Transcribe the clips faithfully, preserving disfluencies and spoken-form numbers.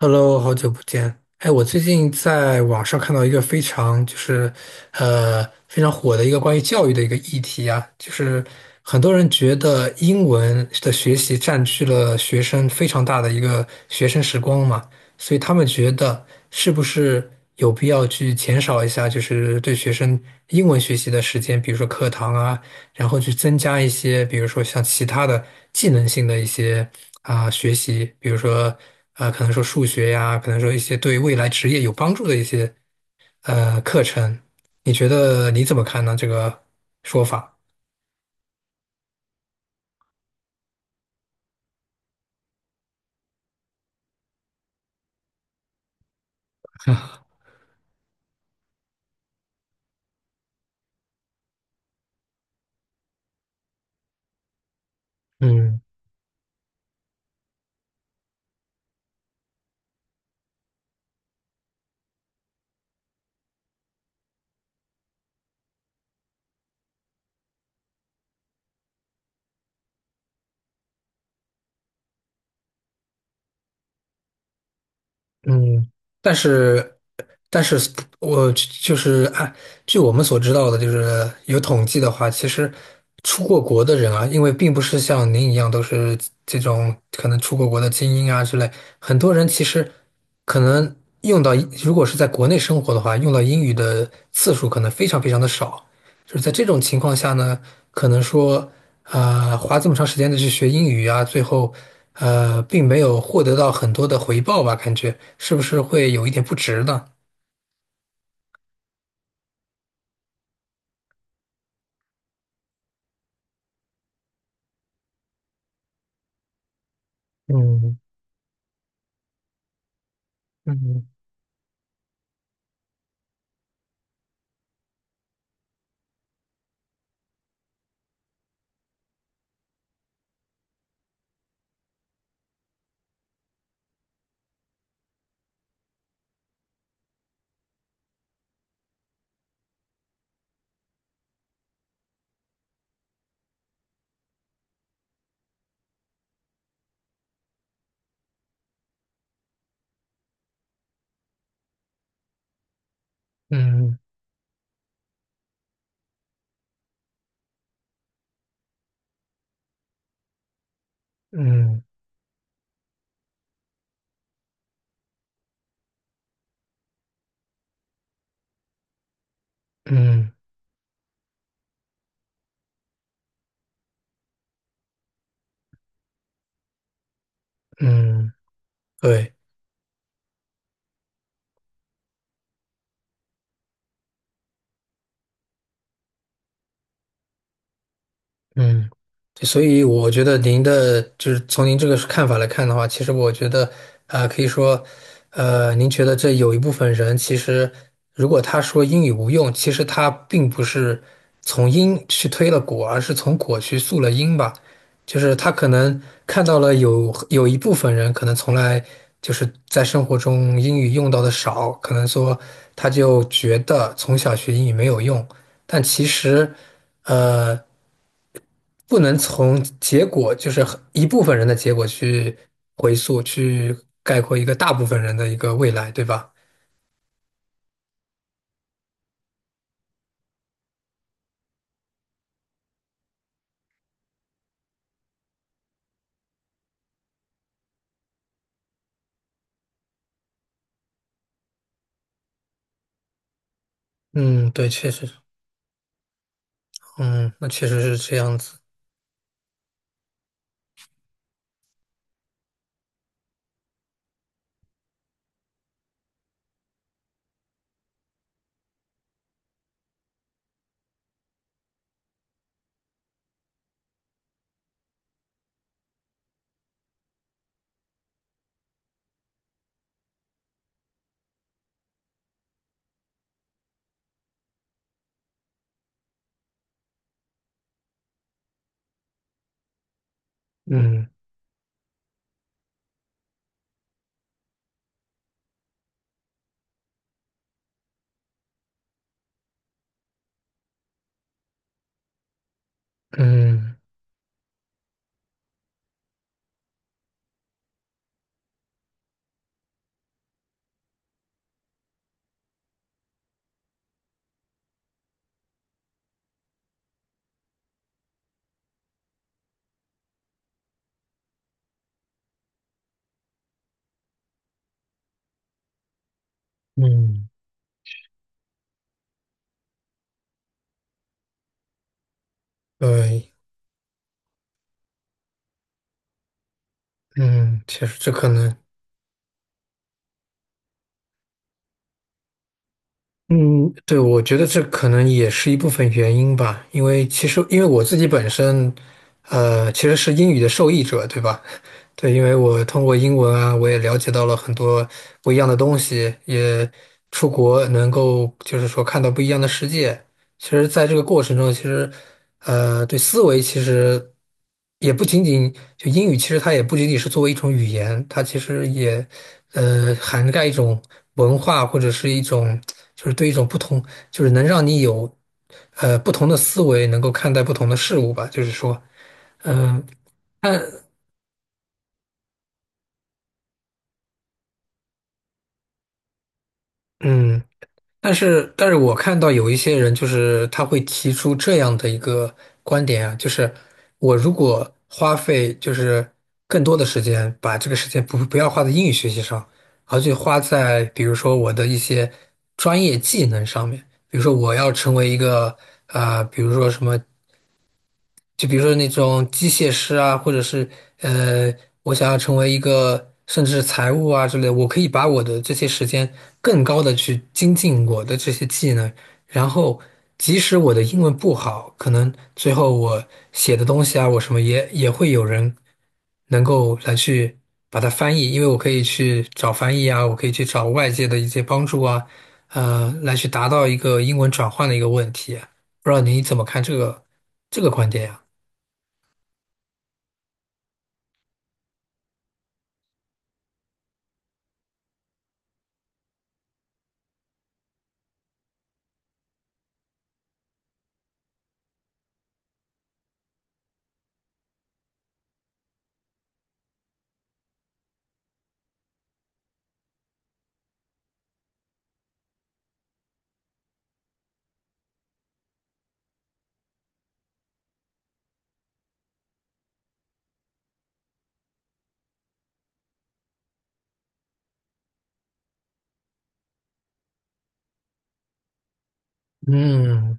Hello，好久不见。哎，我最近在网上看到一个非常就是，呃，非常火的一个关于教育的一个议题啊，就是很多人觉得英文的学习占据了学生非常大的一个学生时光嘛，所以他们觉得是不是有必要去减少一下，就是对学生英文学习的时间，比如说课堂啊，然后去增加一些，比如说像其他的技能性的一些啊、学习，比如说啊，可能说数学呀，可能说一些对未来职业有帮助的一些呃课程。你觉得你怎么看呢？这个说法？嗯嗯，但是，但是我就是按据我们所知道的，就是有统计的话，其实出过国的人啊，因为并不是像您一样都是这种可能出过国的精英啊之类，很多人其实可能用到，如果是在国内生活的话，用到英语的次数可能非常非常的少。就是在这种情况下呢，可能说，呃，花这么长时间的去学英语啊，最后，呃，并没有获得到很多的回报吧？感觉是不是会有一点不值呢？嗯嗯嗯嗯嗯嗯，对。嗯，所以我觉得您的就是从您这个看法来看的话，其实我觉得，啊、可以说，呃，您觉得这有一部分人其实，如果他说英语无用，其实他并不是从因去推了果，而是从果去溯了因吧。就是他可能看到了有有一部分人可能从来就是在生活中英语用到的少，可能说他就觉得从小学英语没有用，但其实。呃，不能从结果，就是很一部分人的结果去回溯，去概括一个大部分人的一个未来，对吧？嗯，对，确实，嗯，那确实是这样子。嗯嗯嗯，对，嗯，确实这可能，嗯，对，我觉得这可能也是一部分原因吧，因为其实因为我自己本身，呃，其实是英语的受益者，对吧？对，因为我通过英文啊，我也了解到了很多不一样的东西，也出国能够就是说看到不一样的世界。其实，在这个过程中，其实呃，对思维其实也不仅仅就英语，其实它也不仅仅是作为一种语言，它其实也呃涵盖一种文化或者是一种就是对一种不同，就是能让你有呃不同的思维，能够看待不同的事物吧。就是说，嗯、呃，看，嗯。但是，但是我看到有一些人，就是他会提出这样的一个观点啊，就是我如果花费就是更多的时间，把这个时间不不要花在英语学习上，而去花在比如说我的一些专业技能上面，比如说我要成为一个啊呃，比如说什么就比如说那种机械师啊，或者是呃，我想要成为一个甚至是财务啊之类的我可以把我的这些时间更高的去精进我的这些技能，然后即使我的英文不好，可能最后我写的东西啊，我什么也也会有人能够来去把它翻译，因为我可以去找翻译啊，我可以去找外界的一些帮助啊，呃，来去达到一个英文转换的一个问题啊。不知道你怎么看这个这个观点呀？嗯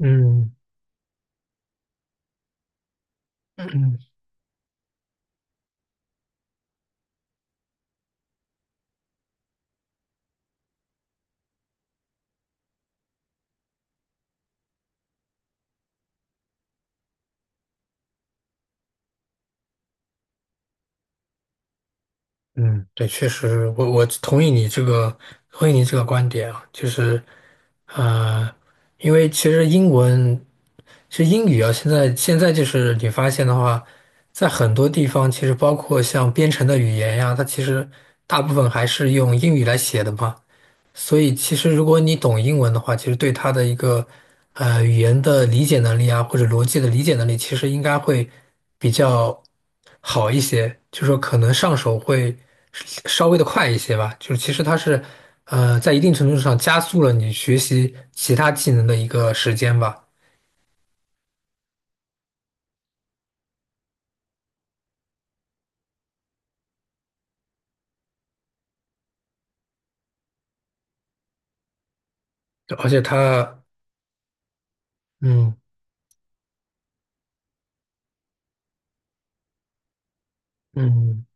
嗯嗯嗯，对，确实，我我同意你这个，同意你这个观点啊，就是，呃，因为其实英文，其实英语啊，现在现在就是你发现的话，在很多地方，其实包括像编程的语言呀，它其实大部分还是用英语来写的嘛。所以其实如果你懂英文的话，其实对它的一个呃语言的理解能力啊，或者逻辑的理解能力，其实应该会比较好一些，就说可能上手会稍微的快一些吧。就是其实它是呃在一定程度上加速了你学习其他技能的一个时间吧，而且它嗯嗯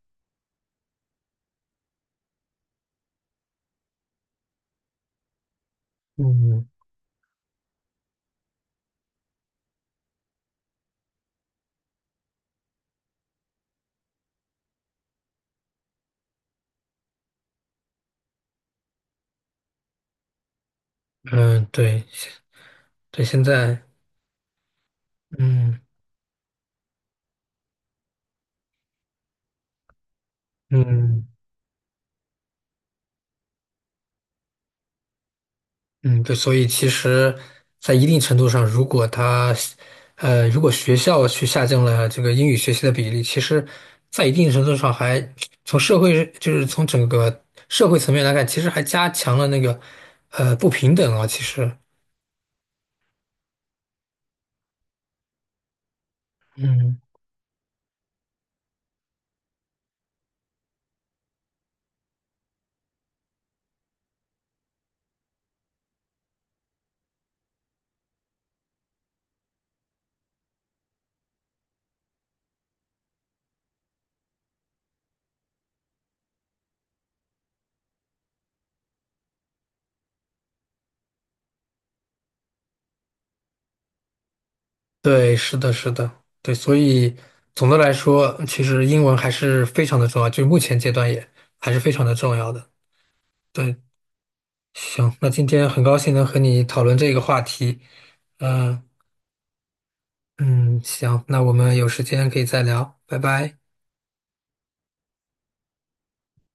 嗯嗯嗯对对，现在嗯嗯。嗯，对，所以其实，在一定程度上，如果他，呃，如果学校去下降了这个英语学习的比例，其实，在一定程度上还从社会，就是从整个社会层面来看，其实还加强了那个，呃，不平等啊。其实，嗯对，是的，是的，对，所以总的来说，其实英文还是非常的重要，就是目前阶段也还是非常的重要的。对，行，那今天很高兴能和你讨论这个话题，嗯、嗯，行，那我们有时间可以再聊，拜拜。